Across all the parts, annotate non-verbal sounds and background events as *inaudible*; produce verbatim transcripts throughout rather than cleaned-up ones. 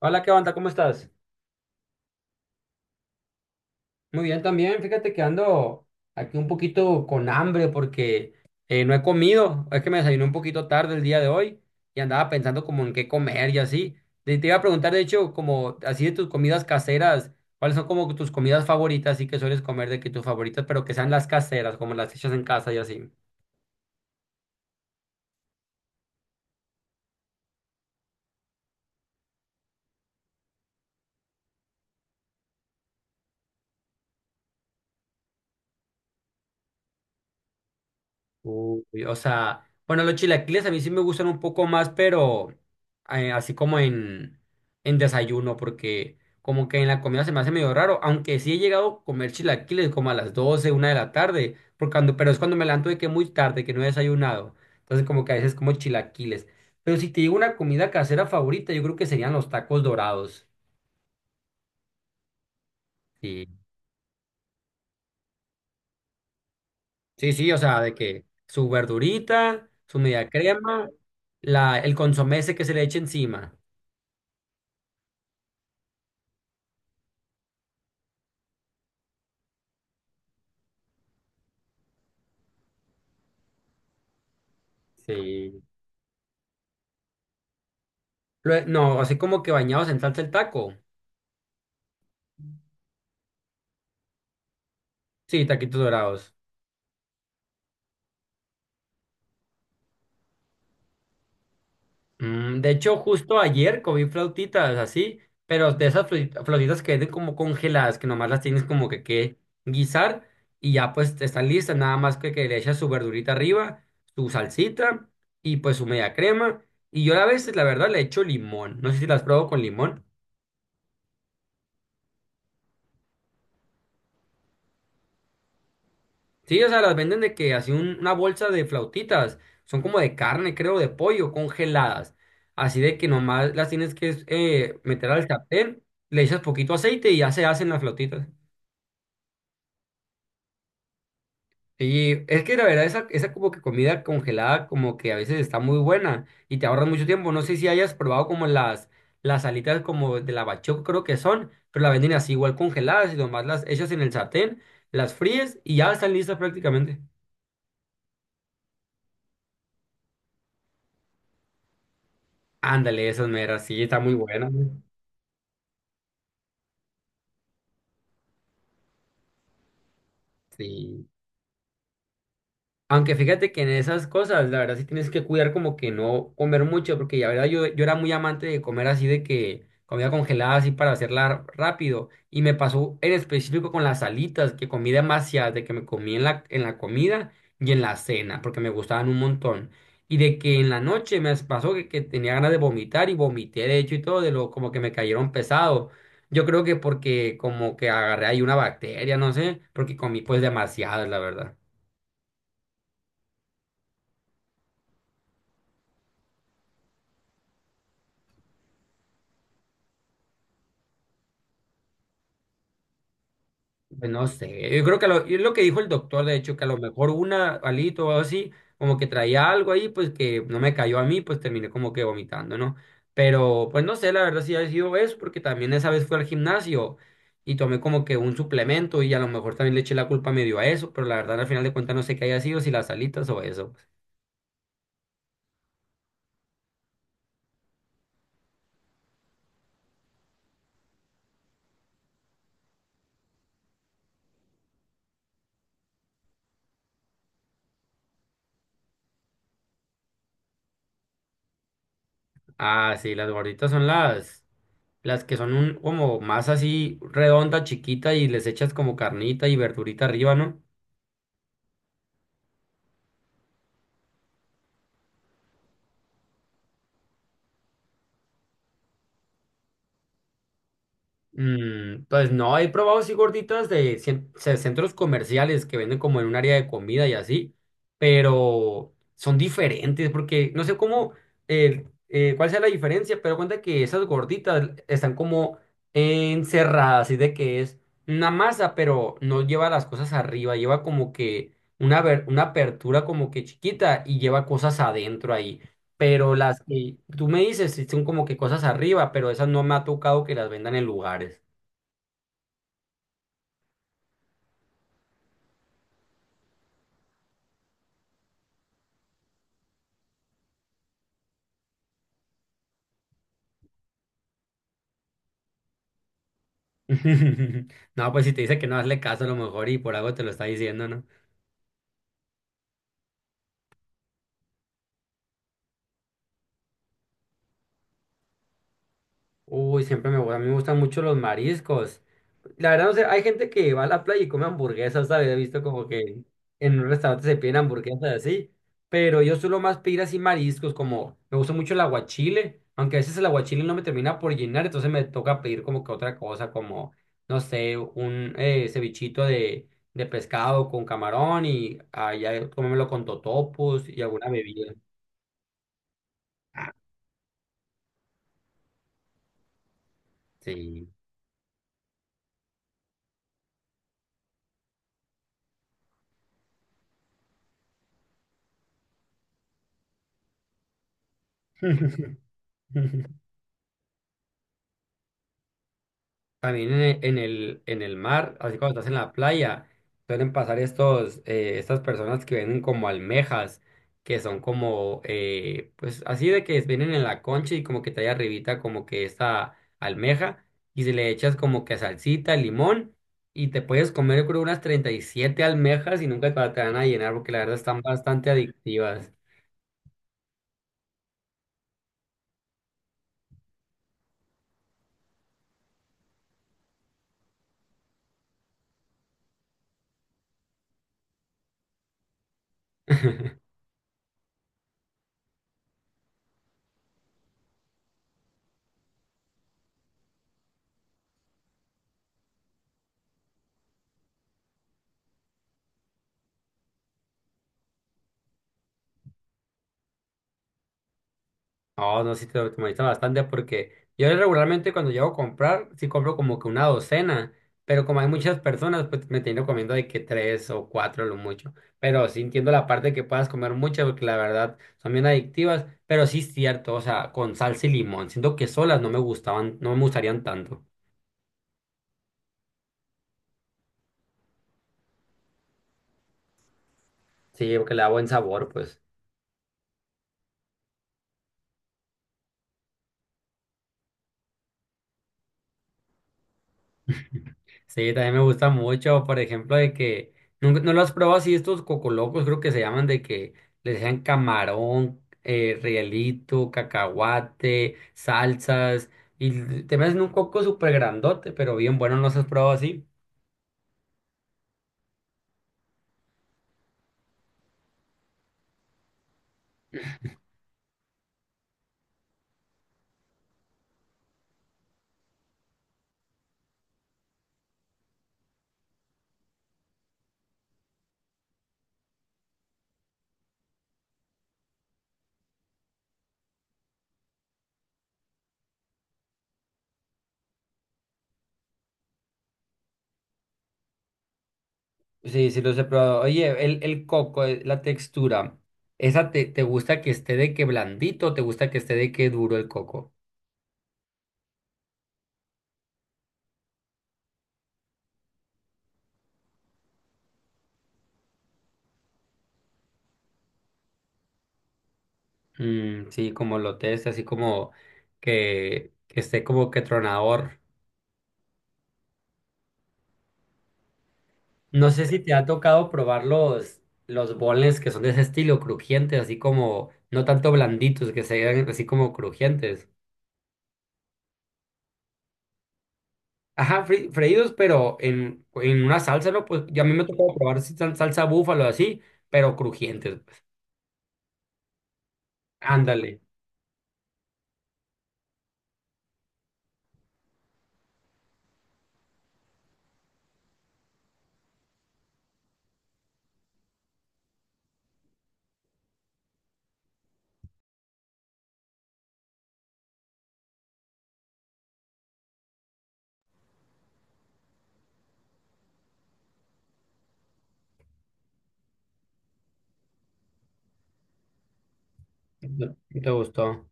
Hola, ¿qué onda? ¿Cómo estás? Muy bien también. Fíjate que ando aquí un poquito con hambre porque eh, no he comido. Es que me desayuné un poquito tarde el día de hoy y andaba pensando como en qué comer y así. Te, te iba a preguntar, de hecho, como así de tus comidas caseras, ¿cuáles son como tus comidas favoritas y que sueles comer de que tus favoritas, pero que sean las caseras, como las hechas en casa y así? Uy, o sea, bueno, los chilaquiles a mí sí me gustan un poco más, pero eh, así como en, en desayuno, porque como que en la comida se me hace medio raro, aunque sí he llegado a comer chilaquiles como a las doce, una de la tarde, porque cuando, pero es cuando me levanto de que muy tarde, que no he desayunado, entonces como que a veces como chilaquiles. Pero si te digo una comida casera favorita, yo creo que serían los tacos dorados. Sí, sí, sí, o sea, de que su verdurita, su media crema, la, el consomé ese que se le echa encima. Sí. Lue- No, así como que bañados en salsa el taco. Sí, taquitos dorados. Mm, de hecho, justo ayer comí flautitas así, pero de esas flauti- flautitas que venden como congeladas, que nomás las tienes como que, que guisar y ya pues están listas, nada más que, que le echas su verdurita arriba, su salsita y pues su media crema. Y yo a veces, la verdad, le echo limón. No sé si las pruebo con limón. Sí, o sea, las venden de que así un- una bolsa de flautitas, son como de carne, creo, de pollo, congeladas. Así de que nomás las tienes que eh, meter al sartén, le echas poquito aceite y ya se hacen las flautitas. Y es que la verdad, esa, esa como que comida congelada como que a veces está muy buena y te ahorras mucho tiempo. No sé si hayas probado como las, las alitas como de la bachoco, creo que son, pero la venden así igual congeladas y nomás las echas en el sartén, las fríes y ya están listas prácticamente. Ándale, esas meras, sí, está muy buena. ¿No? Sí. Aunque fíjate que en esas cosas, la verdad sí tienes que cuidar como que no comer mucho, porque la verdad yo, yo era muy amante de comer así de que comida congelada así para hacerla rápido. Y me pasó en específico con las alitas, que comí demasiadas, de que me comí en la, en la comida y en la cena, porque me gustaban un montón. Y de que en la noche me pasó que, que tenía ganas de vomitar y vomité de hecho y todo, de lo como que me cayeron pesado. Yo creo que porque como que agarré ahí una bacteria, no sé, porque comí pues demasiadas, la verdad. Pues no sé, yo creo que lo, es lo que dijo el doctor, de hecho, que a lo mejor una alito o algo así, como que traía algo ahí, pues que no me cayó a mí, pues terminé como que vomitando, ¿no? Pero pues no sé, la verdad sí ha sido eso, porque también esa vez fui al gimnasio y tomé como que un suplemento y a lo mejor también le eché la culpa medio a eso, pero la verdad al final de cuentas no sé qué haya sido, si las alitas o eso, pues. Ah, sí, las gorditas son las, las que son un, como más así redonda, chiquita y les echas como carnita y verdurita arriba, ¿no? Mm, pues no, he probado así gorditas de cien- ce- centros comerciales que venden como en un área de comida y así, pero son diferentes porque no sé cómo, eh, eh, cuál sea la diferencia, pero cuenta que esas gorditas están como encerradas, así de que es una masa, pero no lleva las cosas arriba, lleva como que una, aver- una apertura como que chiquita y lleva cosas adentro ahí. Pero las que tú me dices sí son como que cosas arriba, pero esas no me ha tocado que las vendan en lugares. *laughs* No, pues si te dice que no hazle caso a lo mejor y por algo te lo está diciendo, ¿no? Uy, siempre me, gu- a mí me gustan mucho los mariscos. La verdad, no sé, hay gente que va a la playa y come hamburguesas, ¿sabes? He visto como que en un restaurante se piden hamburguesas así, pero yo suelo más pedir así mariscos, como me gusta mucho el aguachile, aunque a veces el aguachile no me termina por llenar, entonces me toca pedir como que otra cosa, como, no sé, un eh, cevichito de, de pescado con camarón y allá comérmelo con totopos y alguna bebida. Sí. *laughs* También en el, en el, en el mar, así cuando estás en la playa, suelen pasar estos, eh, estas personas que vienen como almejas, que son como, eh, pues así de que vienen en la concha y como que trae arribita como que esta almeja y se le echas como que salsita, limón y te puedes comer yo creo unas treinta y siete almejas y nunca te van a llenar porque la verdad están bastante adictivas. No, no, sí te optimaliza bastante porque yo regularmente cuando llego a comprar, sí compro como que una docena, pero como hay muchas personas, pues me termino comiendo de que tres o cuatro lo mucho. Pero sí entiendo la parte de que puedas comer muchas porque la verdad son bien adictivas, pero sí es cierto, o sea, con salsa y limón, siento que solas no me gustaban, no me gustarían tanto. Sí, porque le da buen sabor, pues. Sí, también me gusta mucho, por ejemplo, de que nunca- no, lo has probado así estos cocolocos, creo que se llaman de que les dejan camarón, eh, rielito, cacahuate, salsas, y te meten un coco súper grandote, pero bien bueno, ¿no los has probado así? Sí, sí los he probado. Oye, el, el coco, eh, la textura, ¿esa te, te gusta que esté de que blandito o te gusta que esté de que duro el coco? Mm, sí, como lo test, así como que, que esté como que tronador. No sé si te ha tocado probar los, los boneless que son de ese estilo, crujientes, así como, no tanto blanditos, que sean así como crujientes. Ajá, fri- freídos, pero en en una salsa, ¿no? Pues ya a mí me tocó probar si sal- salsa búfalo así, pero crujientes, pues. Ándale. ¿No ¿Te gustó?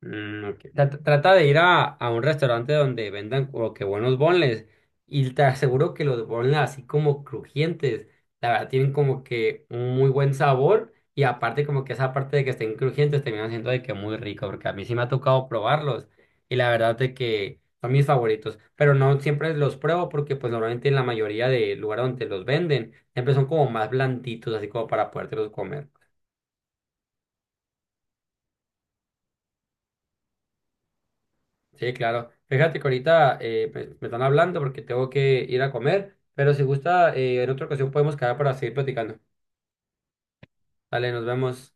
Mm, ok. Trat- Trata de ir a, a un restaurante donde vendan como que buenos boneless y te aseguro que los boneless así como crujientes, la verdad tienen como que un muy buen sabor y aparte como que esa parte de que estén crujientes terminan siendo de que muy rico porque a mí sí me ha tocado probarlos y la verdad de que son mis favoritos, pero no siempre los pruebo porque pues normalmente en la mayoría de lugares donde los venden siempre son como más blanditos así como para podértelos comer. Sí, claro. Fíjate que ahorita eh, me, me están hablando porque tengo que ir a comer, pero si gusta, eh, en otra ocasión podemos quedar para seguir platicando. Dale, nos vemos.